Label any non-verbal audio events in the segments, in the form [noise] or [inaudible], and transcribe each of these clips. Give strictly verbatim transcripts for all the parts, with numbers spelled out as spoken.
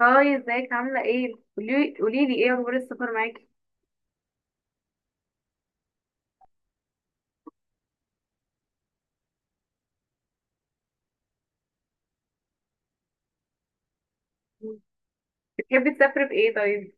هاي، ازيك عاملة ايه؟ قولي قوليلي ايه اخبار السفر معاكي؟ بتحبي تسافري بايه طيب؟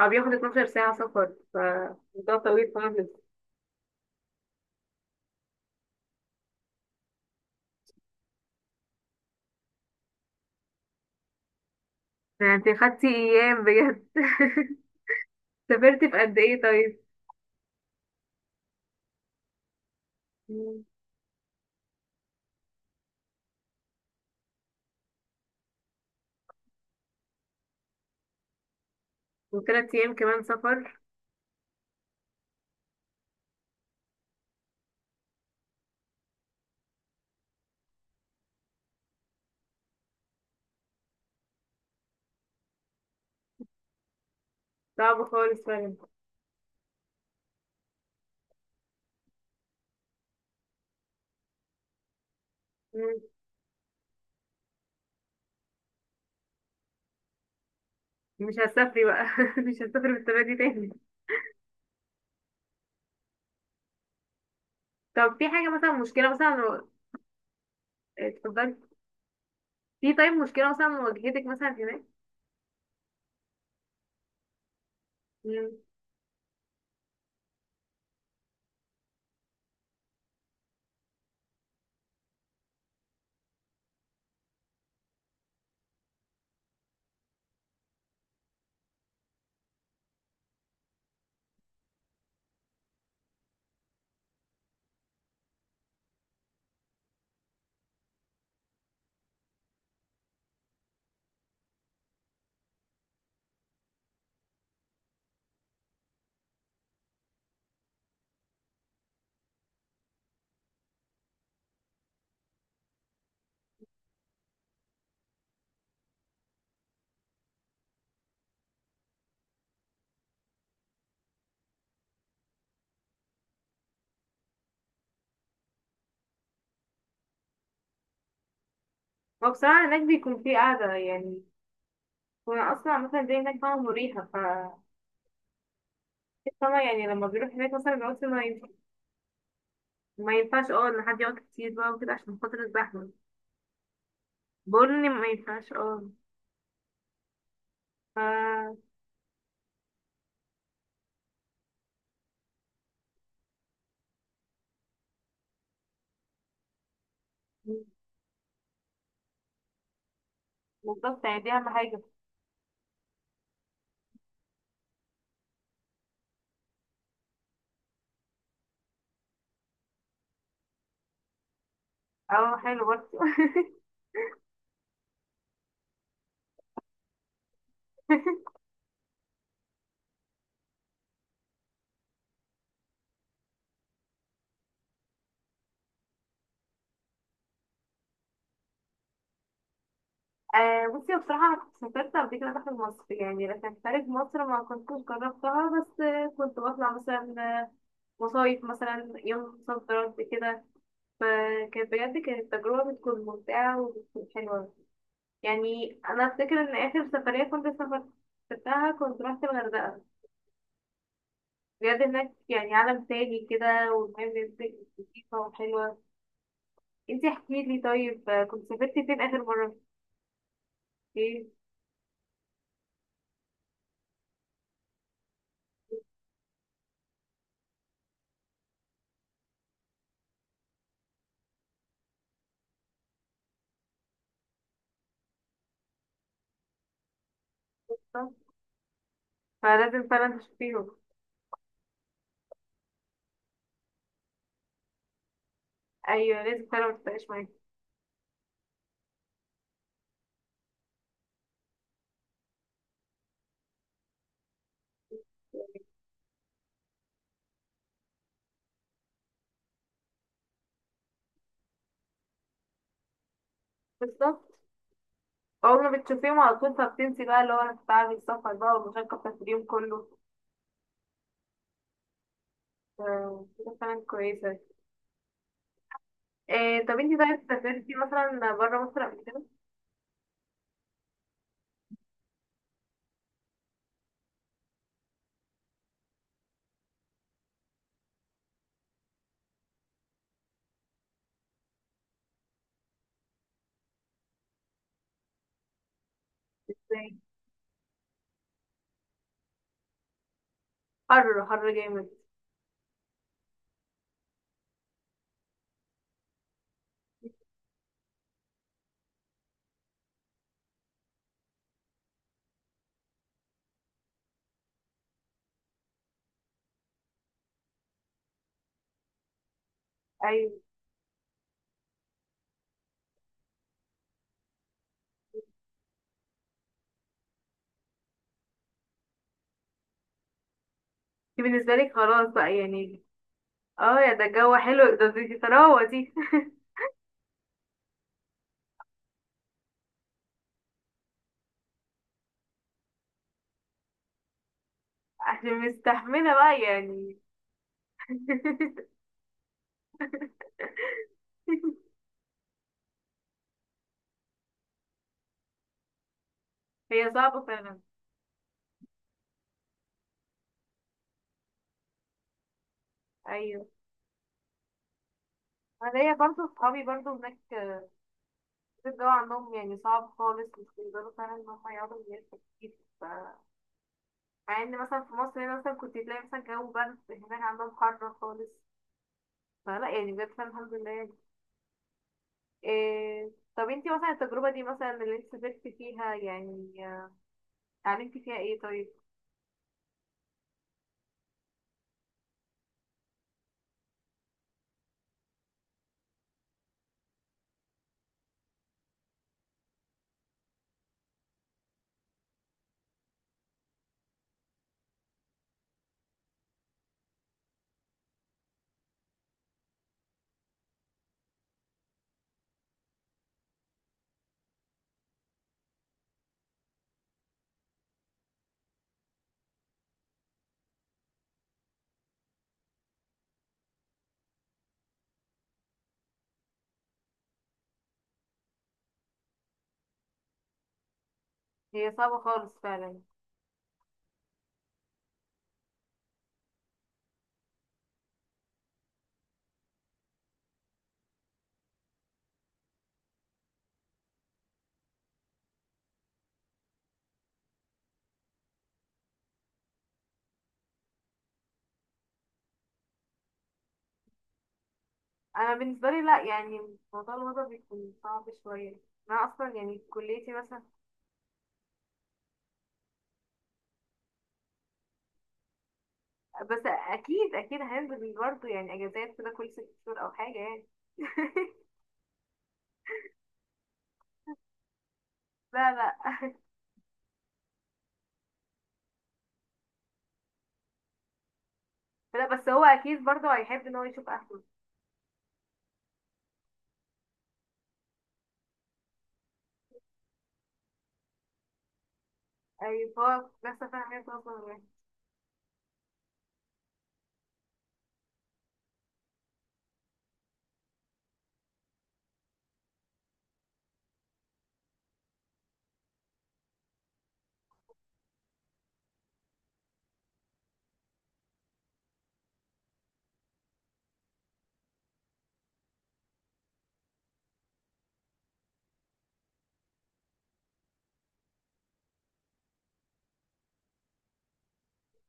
هو بياخد اتناشر ساعة سفر، فموضوع طويل خالص. ده انت خدتي ايام بجد! [laughs] سافرتي في قد ايه طيب؟ مم. وثلاث ايام كمان سفر. صعب خالص فعلا. مم. مش هسافري بقى. [laughs] مش هسافر بالطريقة دي تاني. طب في حاجة مثلا، مشكلة مثلا، اه، اتفضلي. في طيب، مشكلة مثلا واجهتك مثلا هناك؟ مم. هو بصراحة هناك بيكون في قعدة، يعني، وانا اصلا مثلا زي هناك، فاهمة، مريحة ف فاهمة، يعني لما بيروح هناك مثلا بيقعد في- ما ينف- ما ينفعش، اه ان حد يقعد كتير بقى وكده عشان خاطر الزحمة. بقول اني ما ينفعش اه ف بالظبط، يعني دي اهم حاجة. اه، حلو برضه. [laughs] آه، بصي بصراحة أنا كنت سافرت قبل كده داخل مصر، يعني لكن خارج مصر ما كنتش جربتها، بس آه، كنت بطلع مثلا آه، مصايف، مثلا يوم صد رد كده. فكانت بجد كانت تجربة بتكون ممتعة وبتكون حلوة. يعني انا افتكر ان اخر سفريه كنت سافرتها كنت رحت الغردقه. بجد هناك يعني عالم تاني كده، والمية لطيفه وحلوه. انتي احكي لي طيب، آه، كنت سافرتي فين اخر مره؟ ايه؟ بالظبط. فلازم فعلا تشوفيهم. ايوه لازم فعلا، متبقاش معاكي. بالظبط. اول ما بتشوفيهم على طول، فبتنسي بقى اللي هو تعب السفر بقى والمشقه بتاعت اليوم كله. ف- كده فعلا كويسه. إيه؟ طب انتي، طيب، سافرتي مثلا بره مصر قبل كده؟ ازاي؟ حر حر جامد. أيوة. دي بالنسبة لي خلاص بقى، يعني اه يا ده الجو حلو، ده دي دي طراوة دي. [laughs] عشان مستحملة بقى، يعني. [laughs] هي صعبة فعلا. ايوه. انا ليا برضه صحابي برضه هناك. الجو عندهم يعني صعب خالص، مش بيقدروا فعلا ان هم يقعدوا من غير تكييف. ف- مع ان مثلا في مصر هنا مثلا كنت تلاقي مثلا جو برد، هناك عندهم حر خالص. فلا، يعني بجد فعلا الحمد لله يعني. إيه؟ طب انتي مثلا التجربة دي مثلا اللي انت سافرتي فيها، يعني، آه، اتعلمتي فيها ايه طيب؟ هي صعبة خالص فعلا. أنا بالنسبة لي لأ، يعني موضوع الوضع بيكون صعب شوية. أنا أصلا يعني كليتي مثلا، بس أكيد أكيد هنزل برضه يعني أجازات كده كل ست شهور أو حاجة يعني. [laughs] لا، لا. [laughs] لا بس هو أكيد برضه هيحب إن هو يشوف أهله. أي فهو لسه فاهم حاجات أصلا يعني.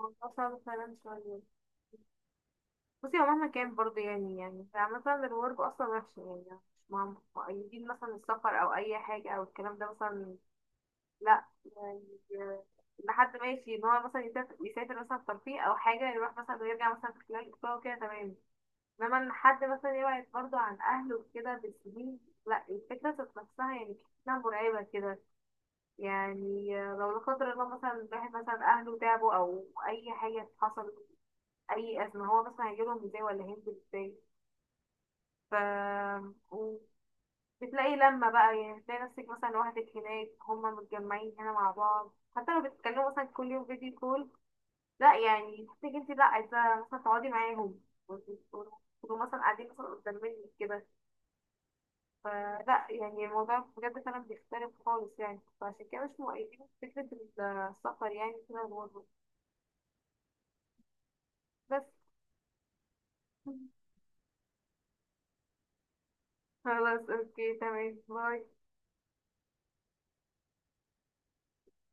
الموضوع صعب فعلا شوية. بصي هو مهما كان برضه، يعني يعني يعني مثلا الورك أصلا وحش، يعني مش مع- مقيدين مثلا السفر أو أي حاجة أو الكلام ده مثلا. لا يعني، ان حد ماشي ان هو مثلا يسافر يسافر مثلا ترفيه او حاجه، يروح مثلا ويرجع مثلا في خلال اسبوع وكده تمام. انما ان حد مثلا يبعد برضه عن اهله وكده بالسنين، لا، الفكره ذات نفسها يعني كتير مرعبه كده. يعني لو لا قدر الله مثلا واحد مثلا اهله تعبوا او اي حاجه حصلت، اي ازمه هو مثلا هيجيلهم ازاي ولا هينزل ازاي؟ ف بتلاقي لما بقى، يعني بتلاقي نفسك مثلا لوحدك هناك، هما متجمعين هنا مع بعض، حتى لو بتتكلموا مثلا كل يوم فيديو كول، لا يعني تحسي انت لا عايزة مثلا تقعدي معاهم، وتبقوا مثلا قاعدين مثلا قدام منك كده. فلا يعني الموضوع بجد فعلا بيختلف خالص يعني، فعشان كده مش مؤيدين فكرة السفر يعني كده برضه. بس. [laughs] خلاص، اوكي تمام، باي.